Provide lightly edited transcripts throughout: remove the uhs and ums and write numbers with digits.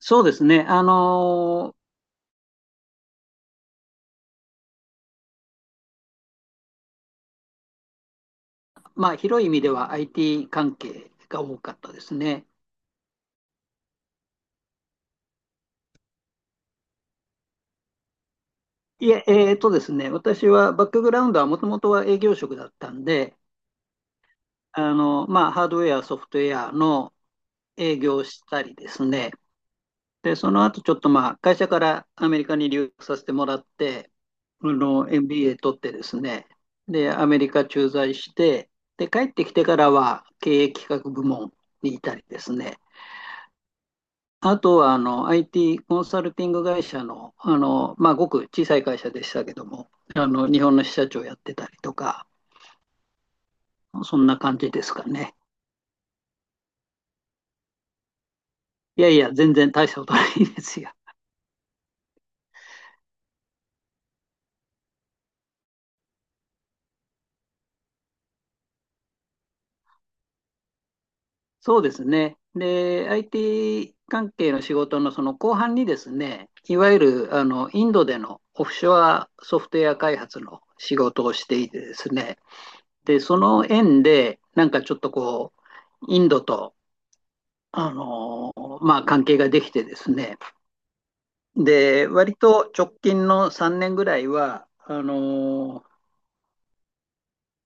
そうですね。まあ、広い意味では IT 関係が多かったですね。いえ、ですね、私はバックグラウンドはもともとは営業職だったんで、まあ、ハードウェア、ソフトウェアの営業をしたりですね。で、その後ちょっとまあ、会社からアメリカに留学させてもらって、MBA 取ってですね。で、アメリカ駐在して、で、帰ってきてからは経営企画部門にいたりですね。あとは、IT コンサルティング会社の、まあ、ごく小さい会社でしたけども、日本の支社長やってたりとか、そんな感じですかね。いやいや、全然大したことないですよ。そうですね。で、IT 関係の仕事のその後半にですね、いわゆる、インドでのオフショアソフトウェア開発の仕事をしていてですね、で、その縁で、なんかちょっとこう、インドと、あの、まあ、関係ができてですね、で、割と直近の3年ぐらいは、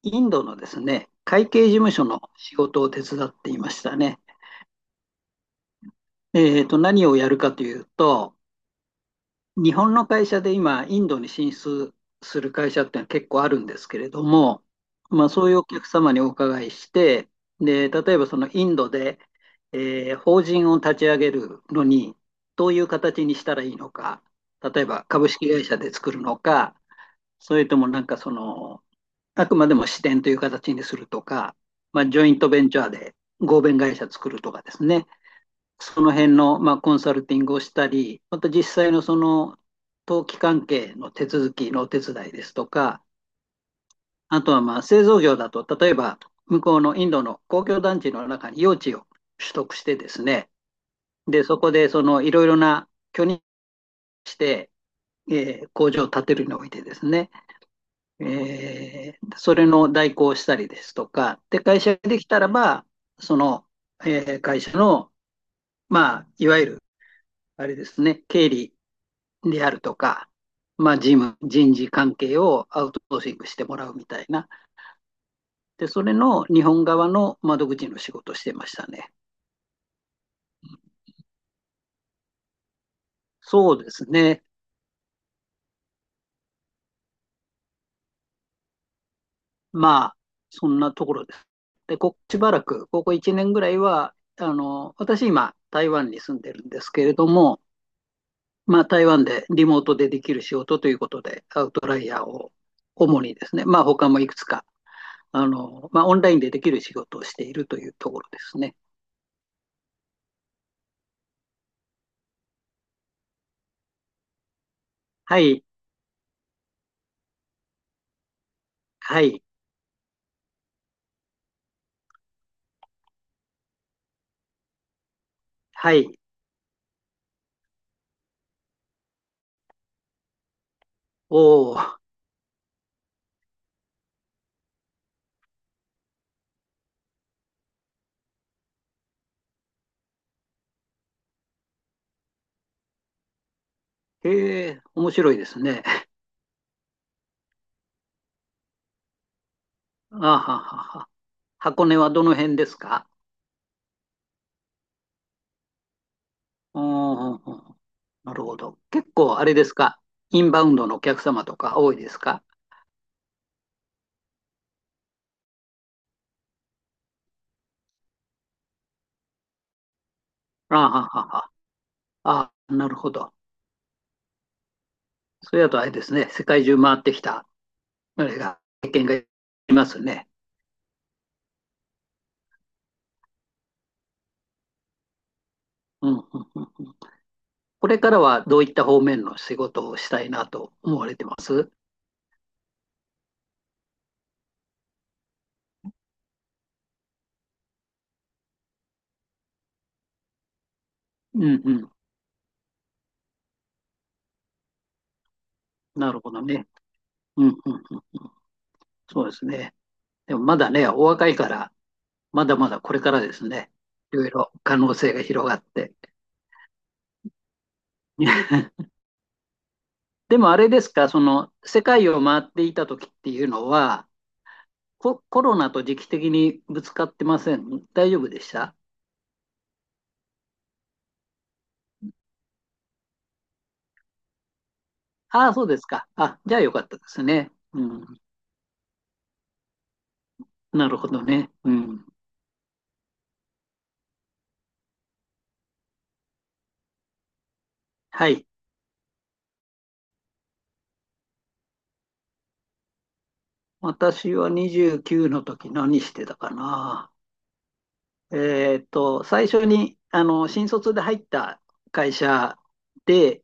インドのですね、会計事務所の仕事を手伝っていましたね。何をやるかというと、日本の会社で今、インドに進出する会社ってのは結構あるんですけれども、まあ、そういうお客様にお伺いして、で、例えばそのインドで、法人を立ち上げるのに、どういう形にしたらいいのか、例えば株式会社で作るのか、それともなんかその、あくまでも支店という形にするとか、まあ、ジョイントベンチャーで合弁会社作るとかですね、その辺の、まあ、コンサルティングをしたり、また実際のその登記関係の手続きのお手伝いですとか、あとはまあ製造業だと、例えば向こうのインドの公共団地の中に用地を取得してですね、で、そこでそのいろいろな許認して、工場を建てるにおいてですね、それの代行をしたりですとか、で、会社ができたらば、その、会社の、まあ、いわゆる、あれですね、経理であるとか、まあ、事務、人事関係をアウトソーシングしてもらうみたいな。で、それの日本側の窓口の仕事をしてましたね。そうですね。まあ、そんなところです。で、ここしばらく、ここ1年ぐらいは、私今、台湾に住んでるんですけれども、まあ、台湾でリモートでできる仕事ということで、アウトライヤーを主にですね、まあ、他もいくつか、まあ、オンラインでできる仕事をしているというところですね。はい、はい、はい。おー、へえ、面白いですね。あははは。箱根はどの辺ですか？うんうんうん。なるほど。結構あれですか？インバウンドのお客様とか多いですか？あははは。あ、なるほど。それだとあれですね、世界中回ってきた経験がありますね。うんうんうんうん。これからはどういった方面の仕事をしたいなと思われてます？うんうん。なるほどね。うんうんうん。そうですね。でもまだね、お若いから、まだまだこれからですね。いろいろ可能性が広がって。でもあれですか、その世界を回っていた時っていうのは、コロナと時期的にぶつかってません？大丈夫でした？ああ、そうですか。あ、じゃあよかったですね。うん。なるほどね。うん。はい。私は29の時何してたかな。最初に、新卒で入った会社で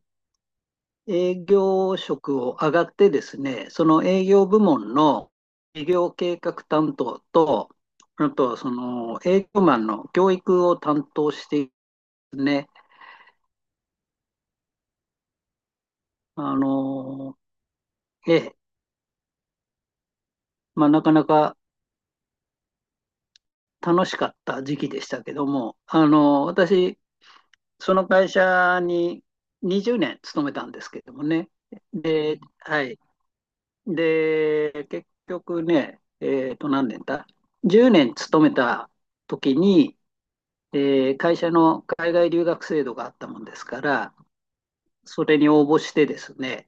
営業職を上がってですね、その営業部門の営業計画担当と、あと、その営業マンの教育を担当してですね、あの、ええ、まあ、なかなか楽しかった時期でしたけども、私、その会社に20年勤めたんですけどもね。で、はい。で、結局ね、何年だ ?10 年勤めた時に、会社の海外留学制度があったもんですから、それに応募してですね、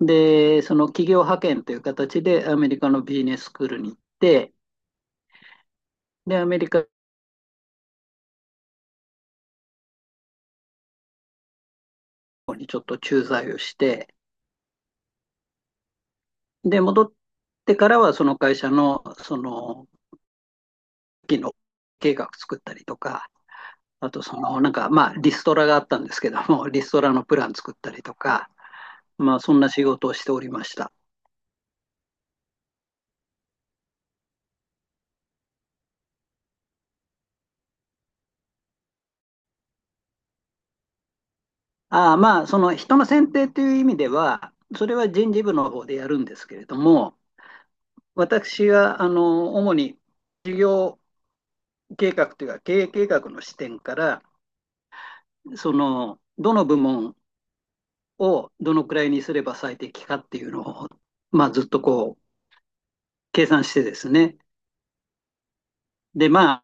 で、その企業派遣という形でアメリカのビジネススクールに行って、で、アメリカにちょっと駐在をして、で、戻ってからはその会社の、その期の計画作ったりとか、あとその、なんか、まあ、リストラがあったんですけども、リストラのプラン作ったりとか、まあ、そんな仕事をしておりました。ああ、まあ、その人の選定という意味では、それは人事部の方でやるんですけれども、私は、主に事業計画というか、経営計画の視点から、その、どの部門をどのくらいにすれば最適かっていうのを、まあ、ずっと計算してですね、で、ま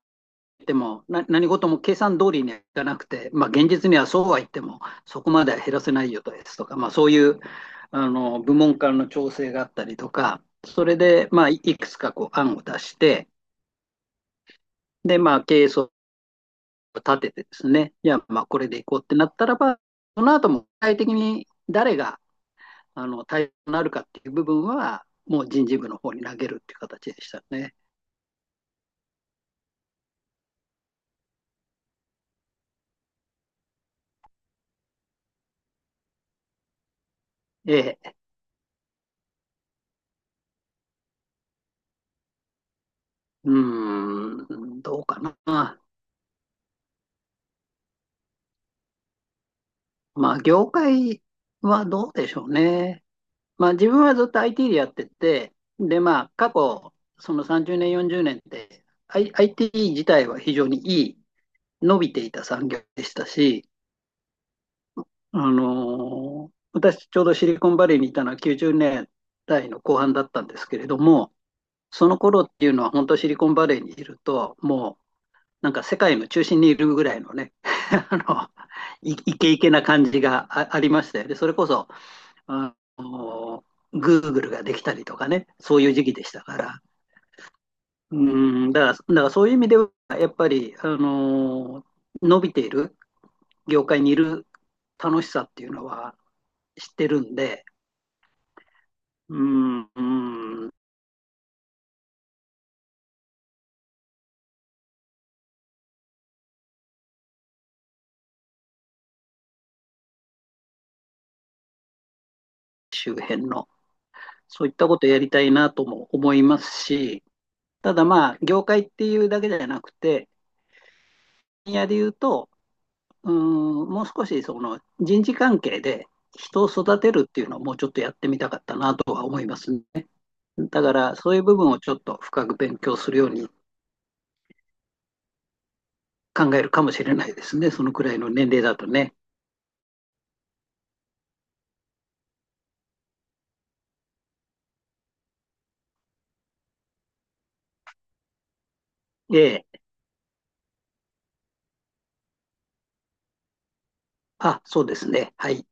ても、何事も計算通りにはいかなくて、まあ、現実にはそうは言っても、そこまでは減らせないよとですとか、まあ、そういう部門間の調整があったりとか、それで、まあ、いくつか案を出して、で、まあ、経営層を立ててですね、いや、まあ、これでいこうってなったらば、その後も具体的に誰があの対象になるかっていう部分は、もう人事部の方に投げるっていう形でしたね。ええ、うん、どうかな。まあ、業界はどうでしょうね。まあ、自分はずっと IT でやってて、で、まあ、過去、その30年、40年って、IT 自体は非常にいい、伸びていた産業でしたし、私、ちょうどシリコンバレーにいたのは90年代の後半だったんですけれども、その頃っていうのは、本当シリコンバレーにいると、もう、なんか世界の中心にいるぐらいのね、あの、イケイケな感じがありましたよね。それこそ、あの、Google ができたりとかね、そういう時期でしたから。うん、だからそういう意味では、やっぱり、伸びている業界にいる楽しさっていうのは知ってるんで、うん、うん、周辺の、そういったことをやりたいなとも思いますし、ただまあ、業界っていうだけじゃなくて、分野で言うと、うん、もう少しその人事関係で人を育てるっていうのをもうちょっとやってみたかったなとは思いますね。だから、そういう部分をちょっと深く勉強するように考えるかもしれないですね。そのくらいの年齢だとね。ええ。あ、そうですね。はい。